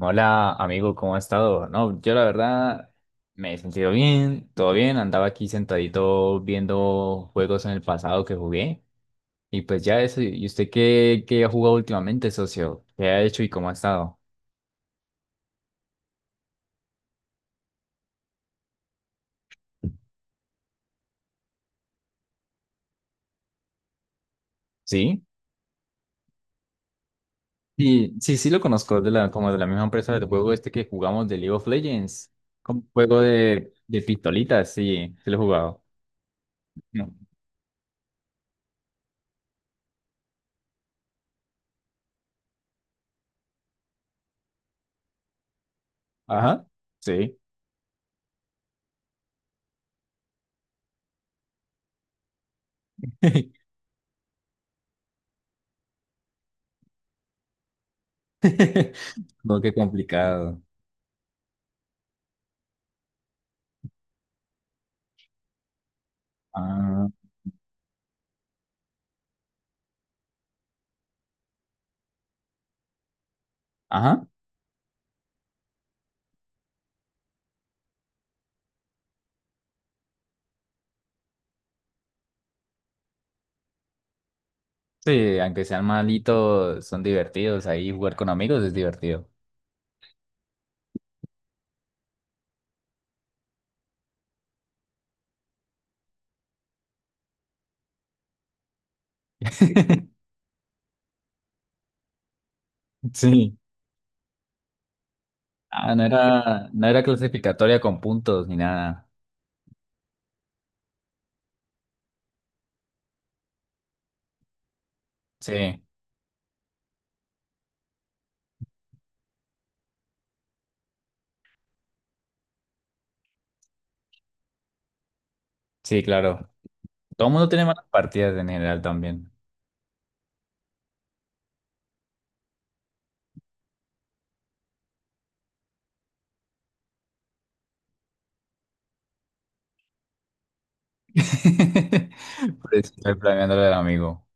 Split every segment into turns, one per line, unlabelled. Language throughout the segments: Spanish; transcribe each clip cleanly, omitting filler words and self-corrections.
Hola amigo, ¿cómo ha estado? No, yo la verdad me he sentido bien, todo bien, andaba aquí sentadito viendo juegos en el pasado que jugué y pues ya eso. ¿Y usted qué, qué ha jugado últimamente, socio? ¿Qué ha hecho y cómo ha estado? ¿Sí? Sí, sí, sí lo conozco, como de la misma empresa del juego este que jugamos, de League of Legends, como juego de pistolitas, sí, sí lo he jugado. No. Ajá, sí. No, qué complicado. Ah, ajá. Sí, aunque sean malitos, son divertidos. Ahí jugar con amigos es divertido. Sí. Ah, no era, no era clasificatoria con puntos ni nada. Sí, sí, claro. Todo el mundo tiene malas partidas en general también. Por eso estoy planeándole al amigo.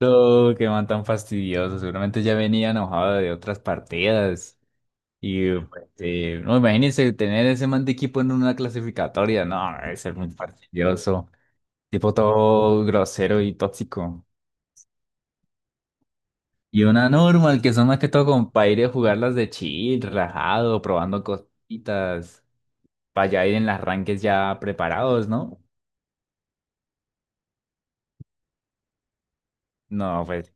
No, qué man tan fastidioso. Seguramente ya venía enojado de otras partidas. Y pues, no, imagínense tener ese man de equipo en una clasificatoria. No, debe ser muy fastidioso. Tipo todo grosero y tóxico. Y una normal, que son más que todo como para ir a jugarlas de chill, relajado, probando cositas, para ya ir en las ranques ya preparados, ¿no? No, pues,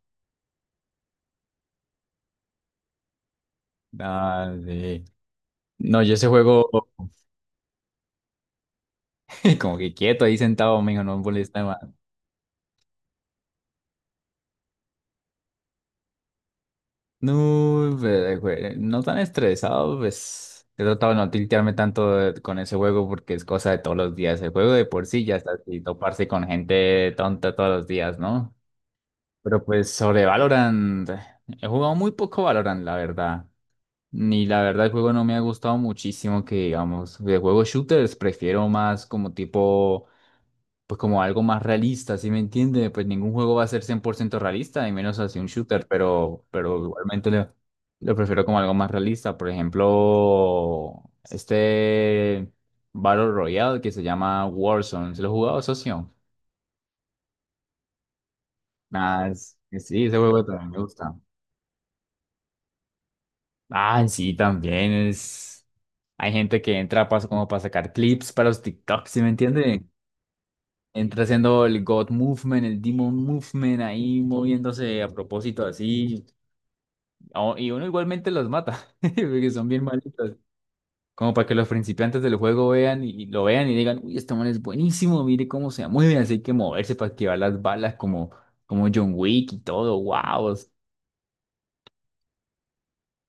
nada, sí. No, yo ese juego, como que quieto ahí sentado, mijo, no me molesta más. No, pues, no tan estresado, pues. He tratado de no tiltearme tanto con ese juego porque es cosa de todos los días. El juego de por sí ya está así, toparse con gente tonta todos los días, ¿no? Pero pues sobre Valorant, he jugado muy poco Valorant, la verdad. Ni la verdad el juego no me ha gustado muchísimo que digamos. De juegos shooters prefiero más como tipo, pues, como algo más realista, ¿sí me entiende? Pues ningún juego va a ser 100% realista, y menos así un shooter, pero igualmente lo prefiero como algo más realista. Por ejemplo, este Battle Royale que se llama Warzone, ¿se lo he jugado, socio? Nada, sí, ese juego también me gusta. Ah, sí, también es... Hay gente que entra paso como para sacar clips para los TikToks, ¿sí me entiende? Entra haciendo el God Movement, el Demon Movement, ahí moviéndose a propósito así. Y uno igualmente los mata, porque son bien malitos. Como para que los principiantes del juego vean y lo vean y digan, uy, este man es buenísimo, mire cómo se mueve, así hay que moverse para esquivar las balas como, como John Wick y todo, wow.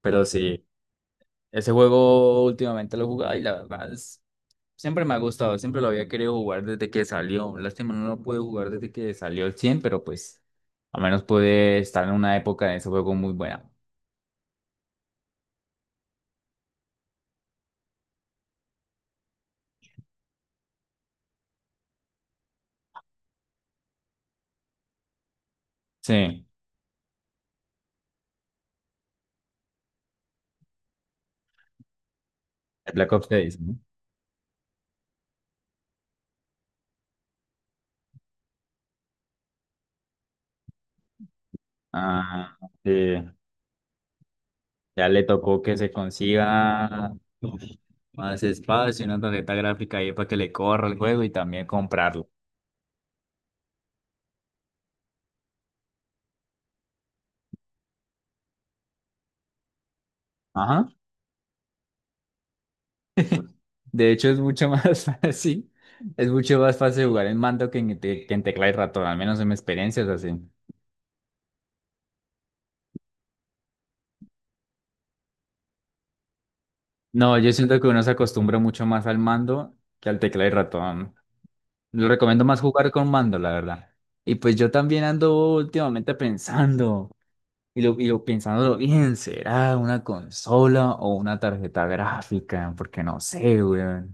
Pero sí, ese juego últimamente lo he jugado y la verdad es... Siempre me ha gustado, siempre lo había querido jugar desde que salió. Lástima, no lo pude jugar desde que salió el 100, pero pues al menos pude estar en una época de ese juego muy buena. Sí, el Black Ops 6, ¿no? Ah, sí. Ya le tocó que se consiga más espacio, una tarjeta gráfica ahí para que le corra el juego y también comprarlo. Ajá. De hecho, es mucho más fácil. Es mucho más fácil jugar en mando que en, que en tecla y ratón, al menos en mi experiencia es así. No, yo siento que uno se acostumbra mucho más al mando que al tecla y ratón. Lo recomiendo más jugar con mando, la verdad. Y pues yo también ando últimamente pensando, y lo pensándolo bien, ¿será una consola o una tarjeta gráfica? Porque no sé, weón.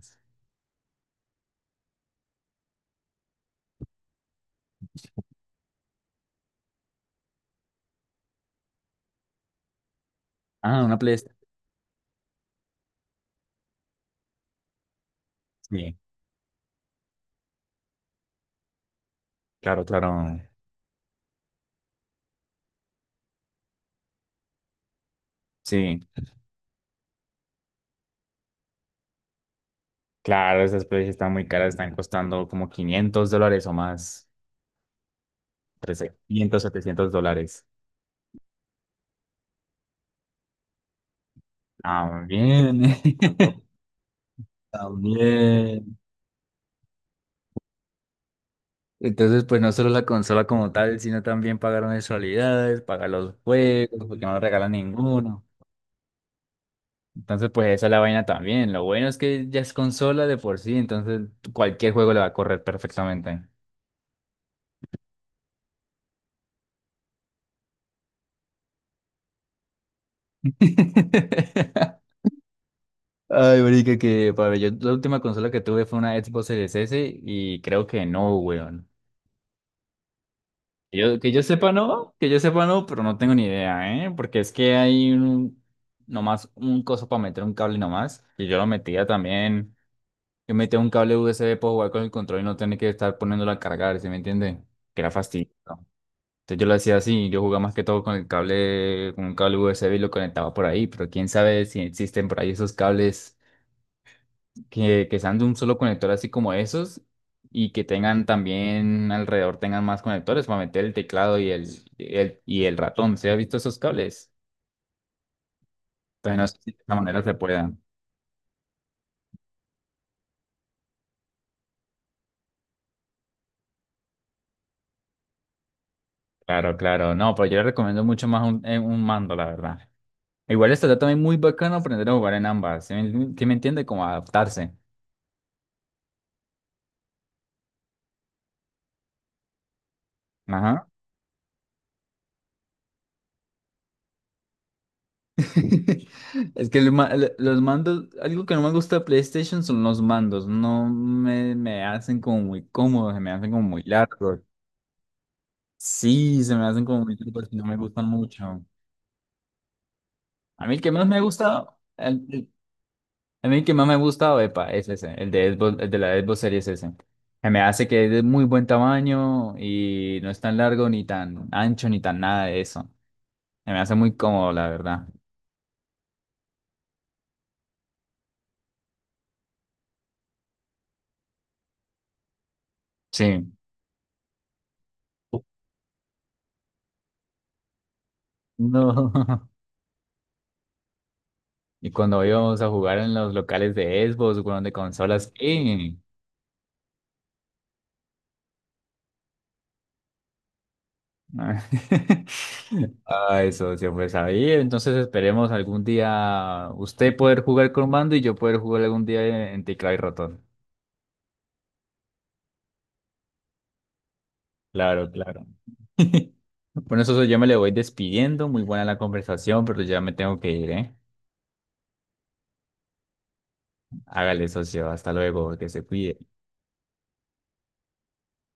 Ah, una PlayStation. Sí, claro, claro. Sí, claro, esas Play están muy caras, están costando como $500 o más, trescientos, quinientos setecientos dólares. También, también. Entonces, pues no solo la consola como tal, sino también pagar mensualidades, pagar los juegos, porque no regalan ninguno. Entonces, pues esa es la vaina también. Lo bueno es que ya es consola de por sí, entonces cualquier juego le va a correr perfectamente. Ay, marica, que para yo la última consola que tuve fue una Xbox Series S y creo que no, weón. Que yo sepa no, que yo sepa no, pero no tengo ni idea, ¿eh? Porque es que hay un, nomás un coso para meter un cable nomás y yo lo metía también. Yo metía un cable USB para jugar con el control y no tener que estar poniéndolo a cargar, ¿sí me entiende? Que era fastidioso. Entonces yo lo hacía así, yo jugaba más que todo con el cable, con un cable USB y lo conectaba por ahí, pero quién sabe si existen por ahí esos cables que sean de un solo conector así como esos, y que tengan también alrededor, tengan más conectores para meter el teclado y y el ratón. ¿Se ha visto esos cables? Entonces no sé si de esa manera se puedan. Claro, claro. No, pero yo le recomiendo mucho más un mando, la verdad. Igual estaría también muy bacano aprender a jugar en ambas. ¿¿Sí me entiende? Como adaptarse. Ajá. Es que el los mandos, algo que no me gusta de PlayStation son los mandos. No me hacen como muy cómodos, se me hacen como muy largos. Sí, se me hacen como muy largos y no me gustan mucho. A mí el que más me gusta, el- el- a mí el que más me gusta, epa, es ese, el de el de la Xbox Series S. Se me hace que es de muy buen tamaño y no es tan largo ni tan ancho ni tan nada de eso. Se me hace muy cómodo, la verdad. Sí. No. Y cuando íbamos a jugar en los locales de Xbox, bueno, de consolas, ¡eh! Ah, eso siempre sabía. Entonces esperemos algún día usted poder jugar con mando y yo poder jugar algún día en teclado y ratón. Claro, claro. Bueno, socio, yo me le voy despidiendo. Muy buena la conversación, pero ya me tengo que ir, ¿eh? Hágale, socio. Hasta luego, que se cuide.